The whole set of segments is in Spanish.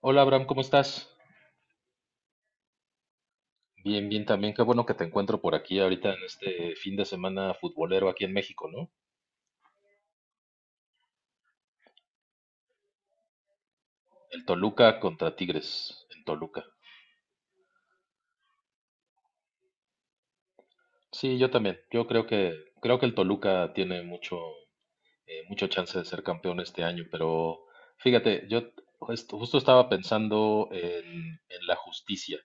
Hola, Abraham, ¿cómo estás? Bien, bien también. Qué bueno que te encuentro por aquí ahorita en este fin de semana futbolero aquí en México, ¿no? El Toluca contra Tigres en Toluca. Sí, yo también. Yo creo que el Toluca tiene mucho mucho chance de ser campeón este año, pero fíjate, yo justo estaba pensando en la justicia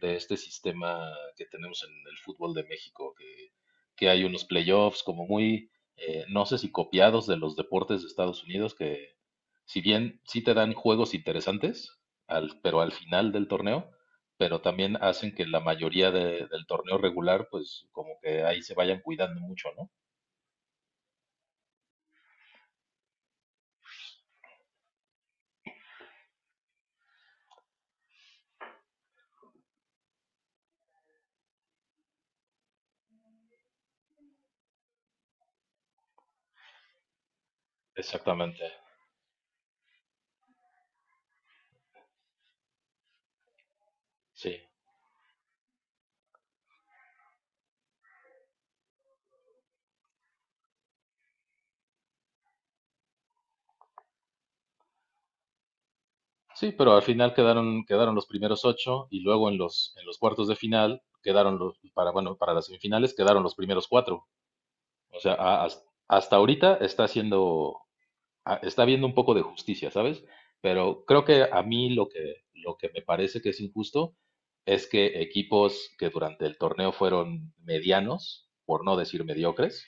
de este sistema que tenemos en el fútbol de México, que hay unos playoffs como muy, no sé si copiados de los deportes de Estados Unidos, que si bien sí te dan juegos interesantes, al, pero al final del torneo, pero también hacen que la mayoría del torneo regular, pues como que ahí se vayan cuidando mucho, ¿no? Exactamente, sí. Sí, pero al final quedaron, quedaron los primeros ocho y luego en los cuartos de final quedaron los, para, bueno, para las semifinales quedaron los primeros cuatro. O sea, hasta ahorita está haciendo, está viendo un poco de justicia, ¿sabes? Pero creo que a mí lo que me parece que es injusto es que equipos que durante el torneo fueron medianos, por no decir mediocres,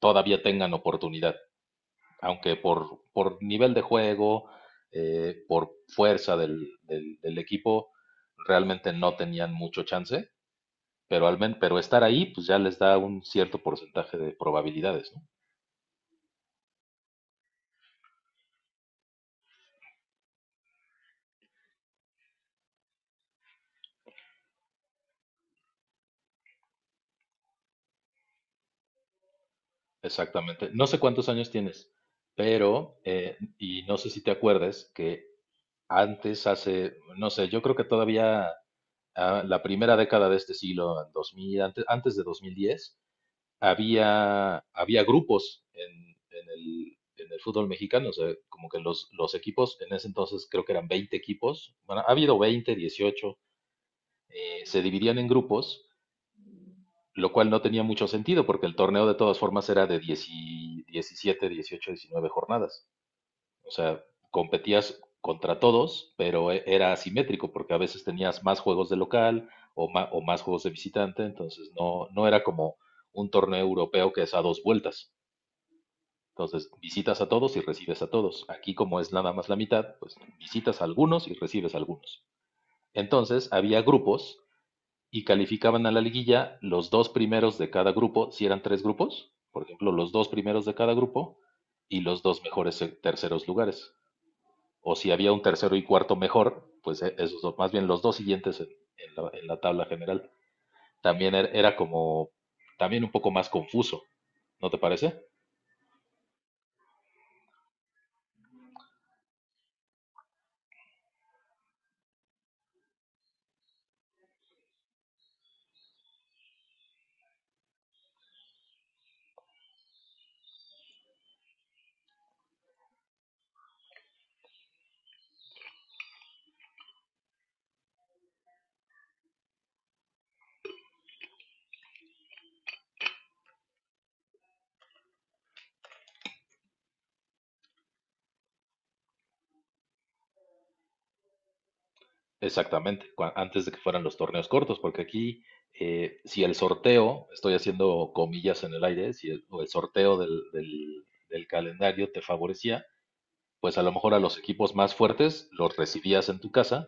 todavía tengan oportunidad aunque por nivel de juego, por fuerza del equipo, realmente no tenían mucho chance, pero, pero estar ahí, pues ya les da un cierto porcentaje de probabilidades, ¿no? Exactamente. No sé cuántos años tienes, pero, y no sé si te acuerdas, que antes, hace, no sé, yo creo que todavía la primera década de este siglo, 2000, antes, antes de 2010, había, había grupos en el fútbol mexicano, o sea, como que los equipos, en ese entonces creo que eran 20 equipos, bueno, ha habido 20, 18, se dividían en grupos, lo cual no tenía mucho sentido porque el torneo de todas formas era de 10 y 17, 18, jornadas, o sea, competías contra todos, pero era asimétrico porque a veces tenías más juegos de local o, o más juegos de visitante, entonces no, no era como un torneo europeo que es a dos vueltas. Entonces, visitas a todos y recibes a todos. Aquí, como es nada más la mitad, pues visitas a algunos y recibes a algunos. Entonces, había grupos y calificaban a la liguilla los dos primeros de cada grupo, si eran tres grupos, por ejemplo, los dos primeros de cada grupo y los dos mejores terceros lugares. O si había un tercero y cuarto mejor, pues e, esos dos, más bien los dos siguientes en la, tabla general. También era como, también un poco más confuso, ¿no te parece? Exactamente, antes de que fueran los torneos cortos, porque aquí, si el sorteo, estoy haciendo comillas en el aire, si el, o el sorteo del, del calendario te favorecía, pues a lo mejor a los equipos más fuertes los recibías en tu casa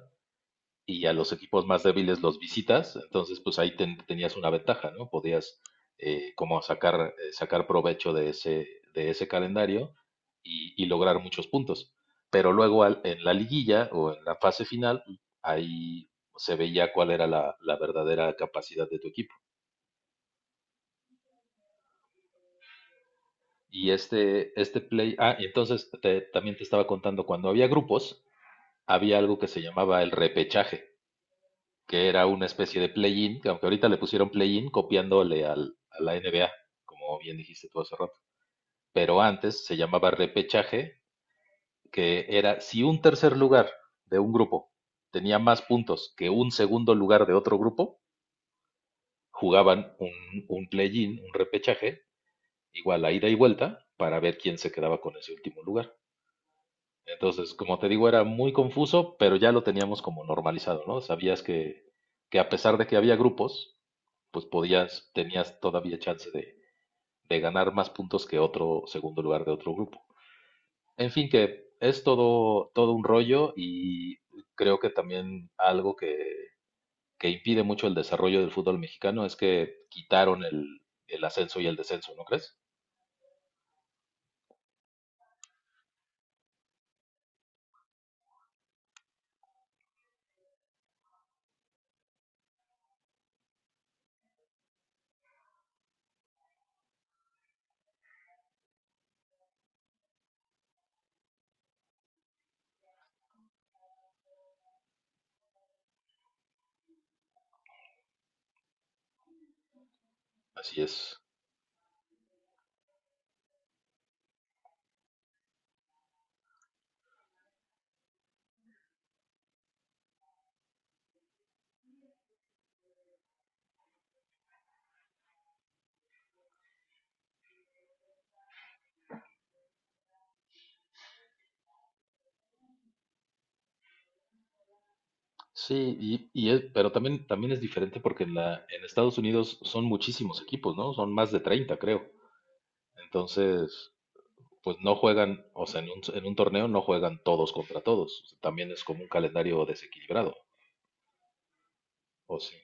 y a los equipos más débiles los visitas, entonces pues ahí tenías una ventaja, ¿no? Podías como sacar, sacar provecho de ese calendario y lograr muchos puntos. Pero luego en la liguilla o en la fase final, ahí se veía cuál era la, la verdadera capacidad de tu equipo. Y este y entonces también te estaba contando, cuando había grupos, había algo que se llamaba el repechaje, que era una especie de play-in, que aunque ahorita le pusieron play-in copiándole al, a la NBA, como bien dijiste tú hace rato. Pero antes se llamaba repechaje, que era si un tercer lugar de un grupo tenía más puntos que un segundo lugar de otro grupo, jugaban un play-in, un repechaje, igual a ida y vuelta, para ver quién se quedaba con ese último lugar. Entonces, como te digo, era muy confuso, pero ya lo teníamos como normalizado, ¿no? Sabías que a pesar de que había grupos, pues podías, tenías todavía chance de ganar más puntos que otro segundo lugar de otro grupo. En fin, que es todo, todo un rollo y creo que también algo que impide mucho el desarrollo del fútbol mexicano es que quitaron el ascenso y el descenso, ¿no crees? Así es. Sí, y pero también, también es diferente porque en la, en Estados Unidos son muchísimos equipos, ¿no? Son más de 30, creo. Entonces, pues no juegan, o sea, en un torneo no juegan todos contra todos. También es como un calendario desequilibrado, ¿o sí?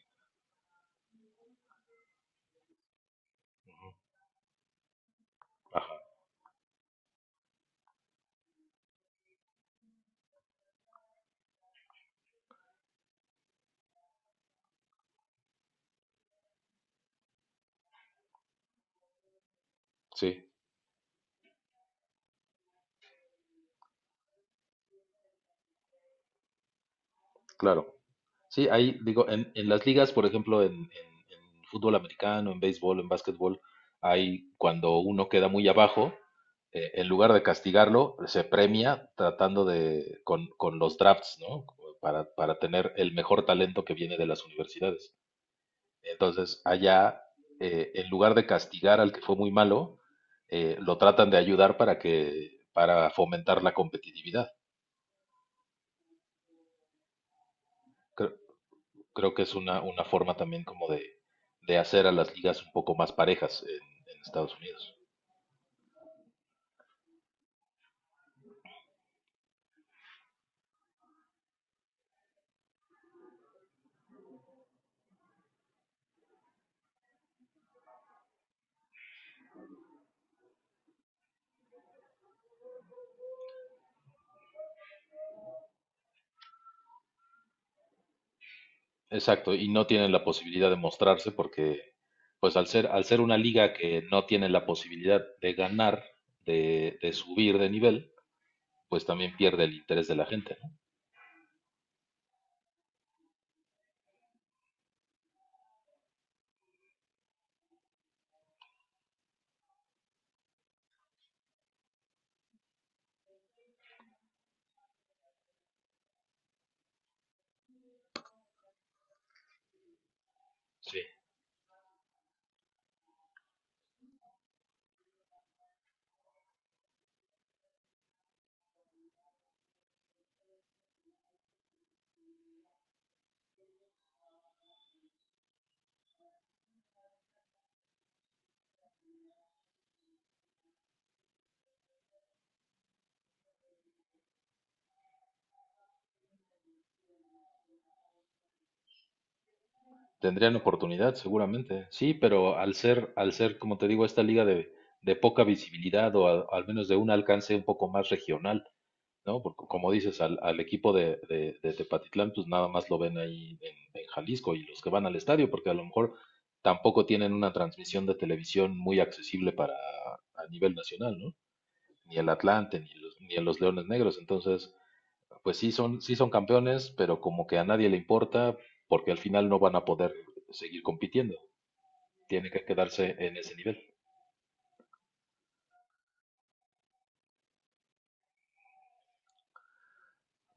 Ajá, sí, claro. Sí, ahí digo, en las ligas, por ejemplo, en, en fútbol americano, en béisbol, en básquetbol, hay cuando uno queda muy abajo, en lugar de castigarlo, se premia tratando de, con los drafts, ¿no? Como para tener el mejor talento que viene de las universidades. Entonces, allá, en lugar de castigar al que fue muy malo, lo tratan de ayudar para que, para fomentar la competitividad. Creo- Creo que es una forma también como de hacer a las ligas un poco más parejas en Estados Unidos. Exacto, y no tienen la posibilidad de mostrarse porque, pues al ser una liga que no tiene la posibilidad de ganar, de subir de nivel, pues también pierde el interés de la gente, ¿no? Sí. Tendrían oportunidad, seguramente. Sí, pero al ser, como te digo, esta liga de poca visibilidad o al menos de un alcance un poco más regional, ¿no? Porque como dices, al, al equipo de, de Tepatitlán, pues nada más lo ven ahí en Jalisco y los que van al estadio, porque a lo mejor tampoco tienen una transmisión de televisión muy accesible para a nivel nacional, ¿no? Ni el Atlante, ni los, ni los Leones Negros. Entonces, pues sí son campeones, pero como que a nadie le importa, porque al final no van a poder seguir compitiendo. Tiene que quedarse en ese nivel.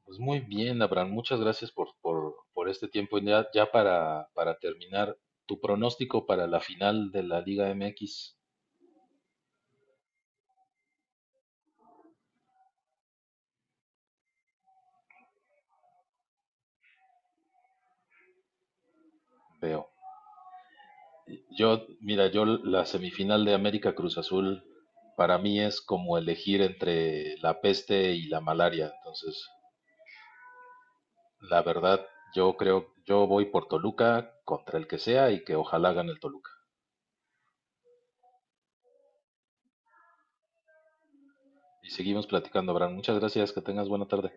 Pues muy bien, Abraham, muchas gracias por este tiempo. Y ya, ya para terminar, tu pronóstico para la final de la Liga MX, veo. Yo, mira, yo la semifinal de América Cruz Azul para mí es como elegir entre la peste y la malaria. Entonces, la verdad, yo creo, yo voy por Toluca contra el que sea y que ojalá gane el Toluca. Y seguimos platicando, Abraham. Muchas gracias, que tengas buena tarde.